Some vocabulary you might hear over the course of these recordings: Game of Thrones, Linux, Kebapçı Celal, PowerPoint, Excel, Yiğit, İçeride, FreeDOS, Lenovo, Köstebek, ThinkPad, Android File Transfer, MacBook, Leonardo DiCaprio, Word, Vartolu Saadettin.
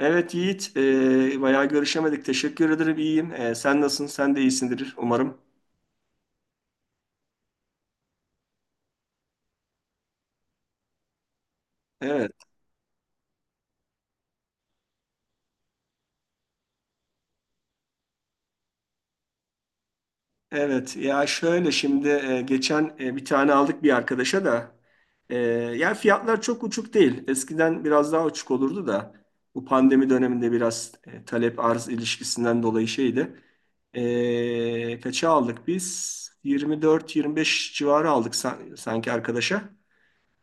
Evet Yiğit, bayağı görüşemedik. Teşekkür ederim, iyiyim. Sen nasılsın? Sen de iyisindir umarım. Evet, evet. Ya şöyle şimdi geçen bir tane aldık bir arkadaşa da. E, ya fiyatlar çok uçuk değil. Eskiden biraz daha uçuk olurdu da. Bu pandemi döneminde biraz talep arz ilişkisinden dolayı şeydi. Kaça aldık biz? 24-25 civarı aldık sanki arkadaşa.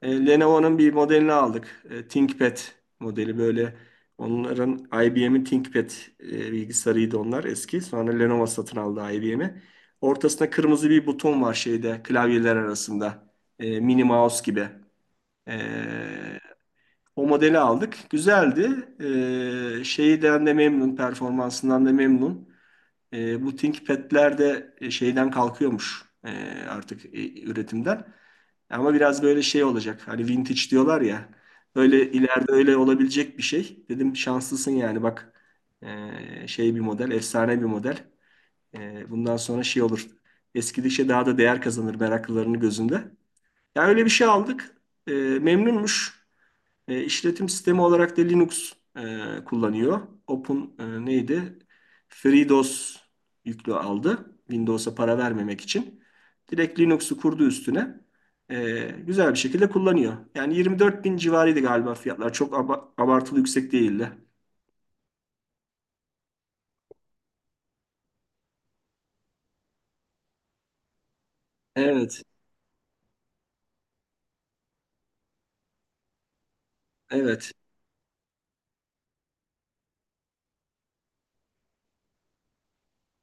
Lenovo'nun bir modelini aldık. ThinkPad modeli böyle. Onların IBM'in ThinkPad bilgisayarıydı onlar eski. Sonra Lenovo satın aldı IBM'i. Ortasında kırmızı bir buton var şeyde klavyeler arasında. Mini mouse gibi. E, o modeli aldık. Güzeldi. Şeyden de memnun, performansından da memnun. Bu ThinkPad'ler de şeyden kalkıyormuş artık üretimden. Ama biraz böyle şey olacak. Hani vintage diyorlar ya. Öyle ileride öyle olabilecek bir şey. Dedim şanslısın yani bak. Şey bir model, efsane bir model. Bundan sonra şey olur. Eskidikçe daha da değer kazanır meraklılarının gözünde. Ya öyle bir şey aldık. Memnunmuş. E, işletim sistemi olarak da Linux kullanıyor. Open neydi? FreeDOS yüklü aldı. Windows'a para vermemek için. Direkt Linux'u kurdu üstüne. Güzel bir şekilde kullanıyor. Yani 24 bin civarıydı galiba fiyatlar. Çok abartılı yüksek değildi. Evet, evet.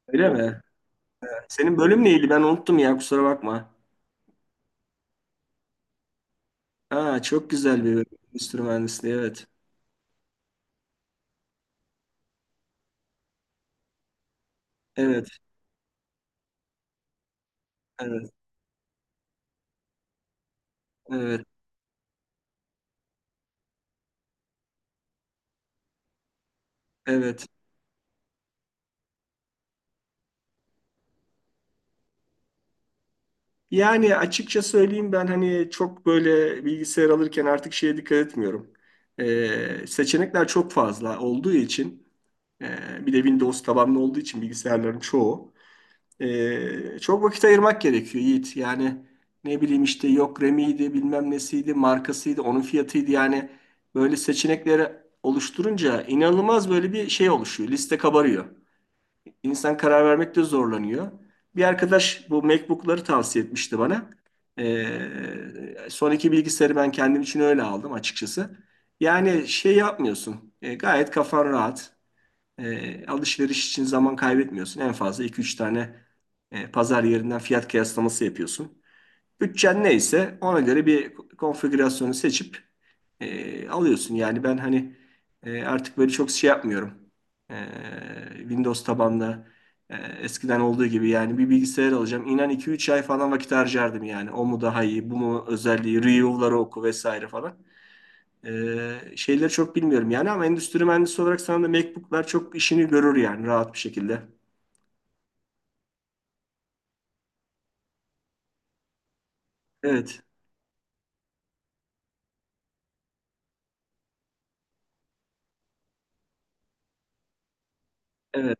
Öyle mi? Senin bölüm neydi? Ben unuttum ya kusura bakma. Aa, çok güzel bir bölüm. Endüstri mühendisliği, evet. Evet, evet, evet, evet. Yani açıkça söyleyeyim ben hani çok böyle bilgisayar alırken artık şeye dikkat etmiyorum. Seçenekler çok fazla olduğu için e, bir de Windows tabanlı olduğu için bilgisayarların çoğu çok vakit ayırmak gerekiyor Yiğit. Yani ne bileyim işte yok RAM'iydi bilmem nesiydi markasıydı onun fiyatıydı yani böyle seçenekleri oluşturunca inanılmaz böyle bir şey oluşuyor liste kabarıyor. İnsan karar vermekte zorlanıyor. Bir arkadaş bu MacBook'ları tavsiye etmişti bana. Ee, son iki bilgisayarı ben kendim için öyle aldım açıkçası. Yani şey yapmıyorsun. Gayet kafan rahat. Alışveriş için zaman kaybetmiyorsun. En fazla iki üç tane pazar yerinden fiyat kıyaslaması yapıyorsun. Bütçen neyse ona göre bir konfigürasyonu seçip alıyorsun. Yani ben hani artık böyle çok şey yapmıyorum. E, Windows tabanlı eskiden olduğu gibi yani bir bilgisayar alacağım. İnan iki üç ay falan vakit harcardım yani. O mu daha iyi, bu mu özelliği, review'ları oku vesaire falan. Şeyleri çok bilmiyorum yani ama endüstri mühendisi olarak sana da MacBook'lar çok işini görür yani rahat bir şekilde. Evet, evet,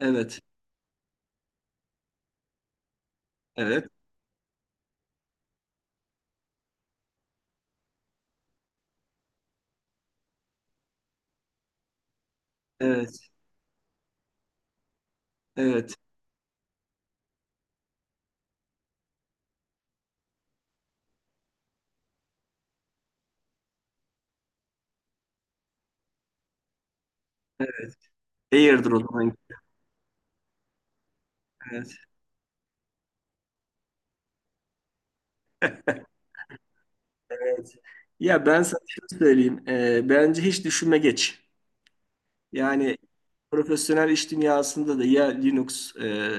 evet, evet, evet, evet. Air'dır o zaman. Evet. Evet. Ya ben sana şunu söyleyeyim. Bence hiç düşünme geç. Yani profesyonel iş dünyasında da ya Linux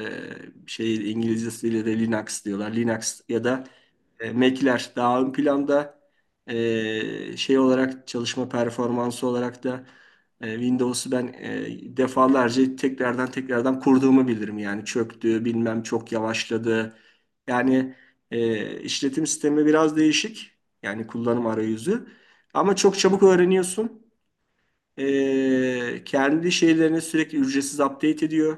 şey İngilizcesiyle de Linux diyorlar. Linux ya da Mac'ler daha ön planda. Şey olarak çalışma performansı olarak da Windows'u ben defalarca tekrardan tekrardan kurduğumu bilirim. Yani çöktü, bilmem çok yavaşladı. Yani işletim sistemi biraz değişik. Yani kullanım arayüzü. Ama çok çabuk öğreniyorsun. Kendi şeylerini sürekli ücretsiz update ediyor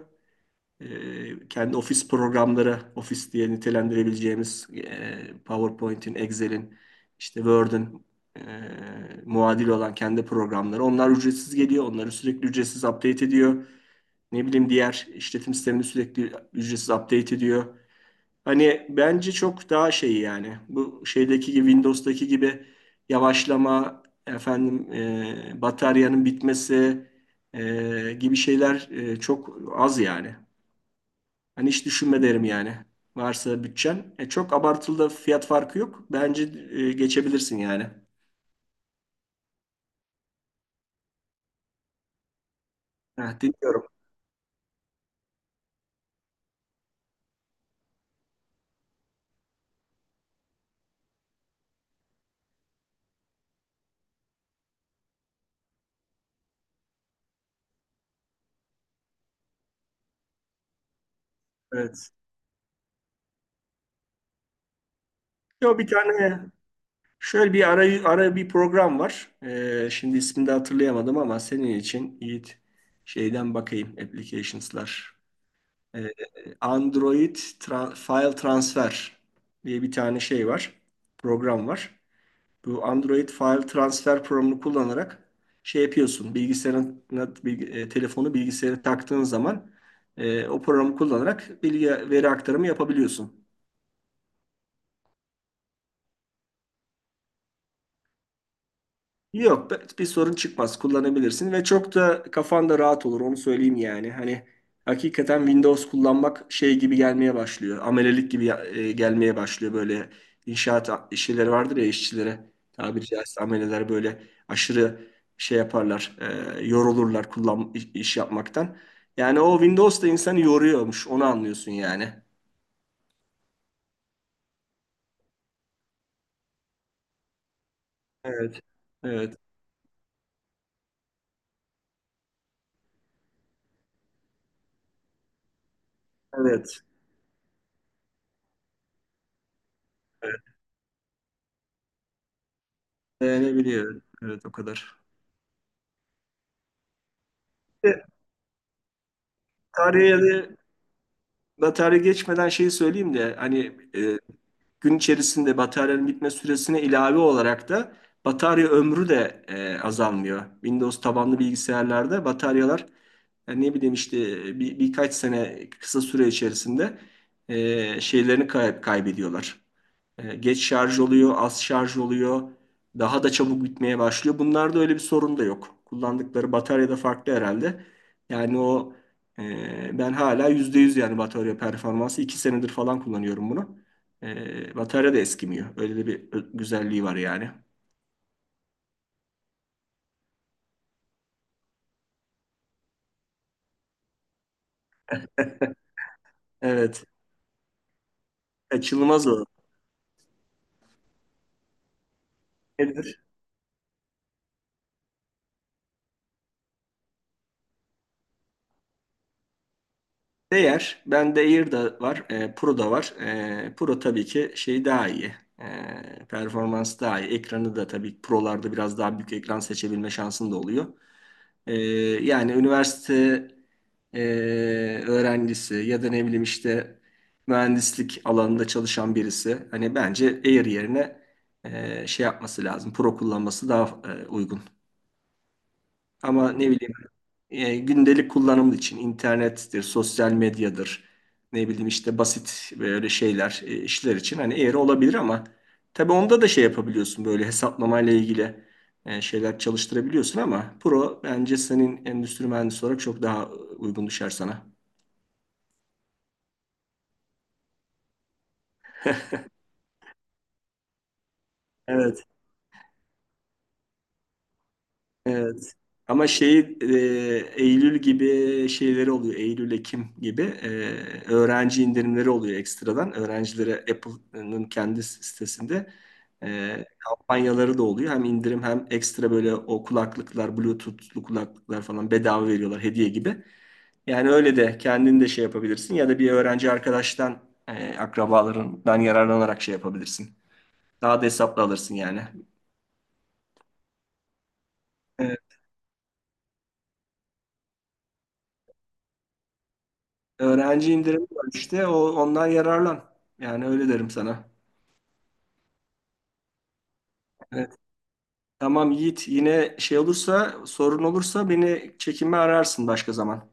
kendi ofis programları, ofis diye nitelendirebileceğimiz PowerPoint'in, Excel'in, işte Word'ün e, muadili olan kendi programları. Onlar ücretsiz geliyor. Onları sürekli ücretsiz update ediyor. Ne bileyim diğer işletim sistemini sürekli ücretsiz update ediyor. Hani bence çok daha şey yani bu şeydeki gibi Windows'daki gibi yavaşlama efendim bataryanın bitmesi gibi şeyler çok az yani. Hani hiç düşünme derim yani. Varsa bütçen. Çok abartılı da fiyat farkı yok. Bence geçebilirsin yani. Heh, dinliyorum. Evet. Yo, bir tane şöyle bir ara bir program var. Şimdi ismini de hatırlayamadım ama senin için Yiğit şeyden bakayım. Applications'lar. E, Android File Transfer diye bir tane şey var. Program var. Bu Android File Transfer programını kullanarak şey yapıyorsun. Bilgisayarına, telefonu bilgisayara taktığın zaman o programı kullanarak bilgi veri aktarımı yapabiliyorsun. Yok bir sorun çıkmaz kullanabilirsin ve çok da kafan da rahat olur onu söyleyeyim yani. Hani hakikaten Windows kullanmak şey gibi gelmeye başlıyor. Amelelik gibi gelmeye başlıyor böyle inşaat işçileri vardır ya işçilere tabiri caizse ameleler böyle aşırı şey yaparlar yorulurlar kullan iş yapmaktan. Yani o Windows da insanı yoruyormuş onu anlıyorsun yani. Evet. Evet. Evet. Evet. Dayanabiliyor. Evet o kadar. E, Tarihe de batarya geçmeden şeyi söyleyeyim de hani gün içerisinde bataryanın bitme süresine ilave olarak da batarya ömrü de azalmıyor. Windows tabanlı bilgisayarlarda bataryalar yani ne bileyim işte bir, birkaç sene kısa süre içerisinde şeylerini kaybediyorlar. Geç şarj oluyor, az şarj oluyor, daha da çabuk bitmeye başlıyor. Bunlarda öyle bir sorun da yok. Kullandıkları batarya da farklı herhalde. Yani o ben hala %100 yani batarya performansı 2 senedir falan kullanıyorum bunu. Batarya da eskimiyor. Öyle de bir güzelliği var yani. Evet. Kaçınılmaz o. Değer, bende Air da var, Pro da var. Pro tabii ki şey daha iyi, performans daha iyi. Ekranı da tabii Pro'larda biraz daha büyük ekran seçebilme şansın da oluyor. E, yani üniversite e, öğrencisi ya da ne bileyim işte mühendislik alanında çalışan birisi. Hani bence Air yerine şey yapması lazım, Pro kullanması daha uygun. Ama ne bileyim gündelik kullanım için internettir, sosyal medyadır, ne bileyim işte basit böyle şeyler, işler için hani eğri olabilir ama tabii onda da şey yapabiliyorsun böyle hesaplamayla ilgili şeyler çalıştırabiliyorsun ama Pro bence senin endüstri mühendisi olarak çok daha uygun düşer sana. Evet. Evet. Ama şeyi Eylül gibi şeyleri oluyor. Eylül, Ekim gibi öğrenci indirimleri oluyor ekstradan. Öğrencilere Apple'ın kendi sitesinde kampanyaları da oluyor. Hem indirim hem ekstra böyle o kulaklıklar, Bluetooth'lu kulaklıklar falan bedava veriyorlar hediye gibi. Yani öyle de kendin de şey yapabilirsin ya da bir öğrenci arkadaştan, akrabalarından yararlanarak şey yapabilirsin. Daha da hesaplı alırsın yani. E, Öğrenci indirimi var işte. Ondan yararlan. Yani öyle derim sana. Evet. Tamam Yiğit. Yine şey olursa, sorun olursa beni çekinme ararsın başka zaman.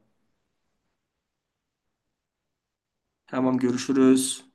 Tamam görüşürüz.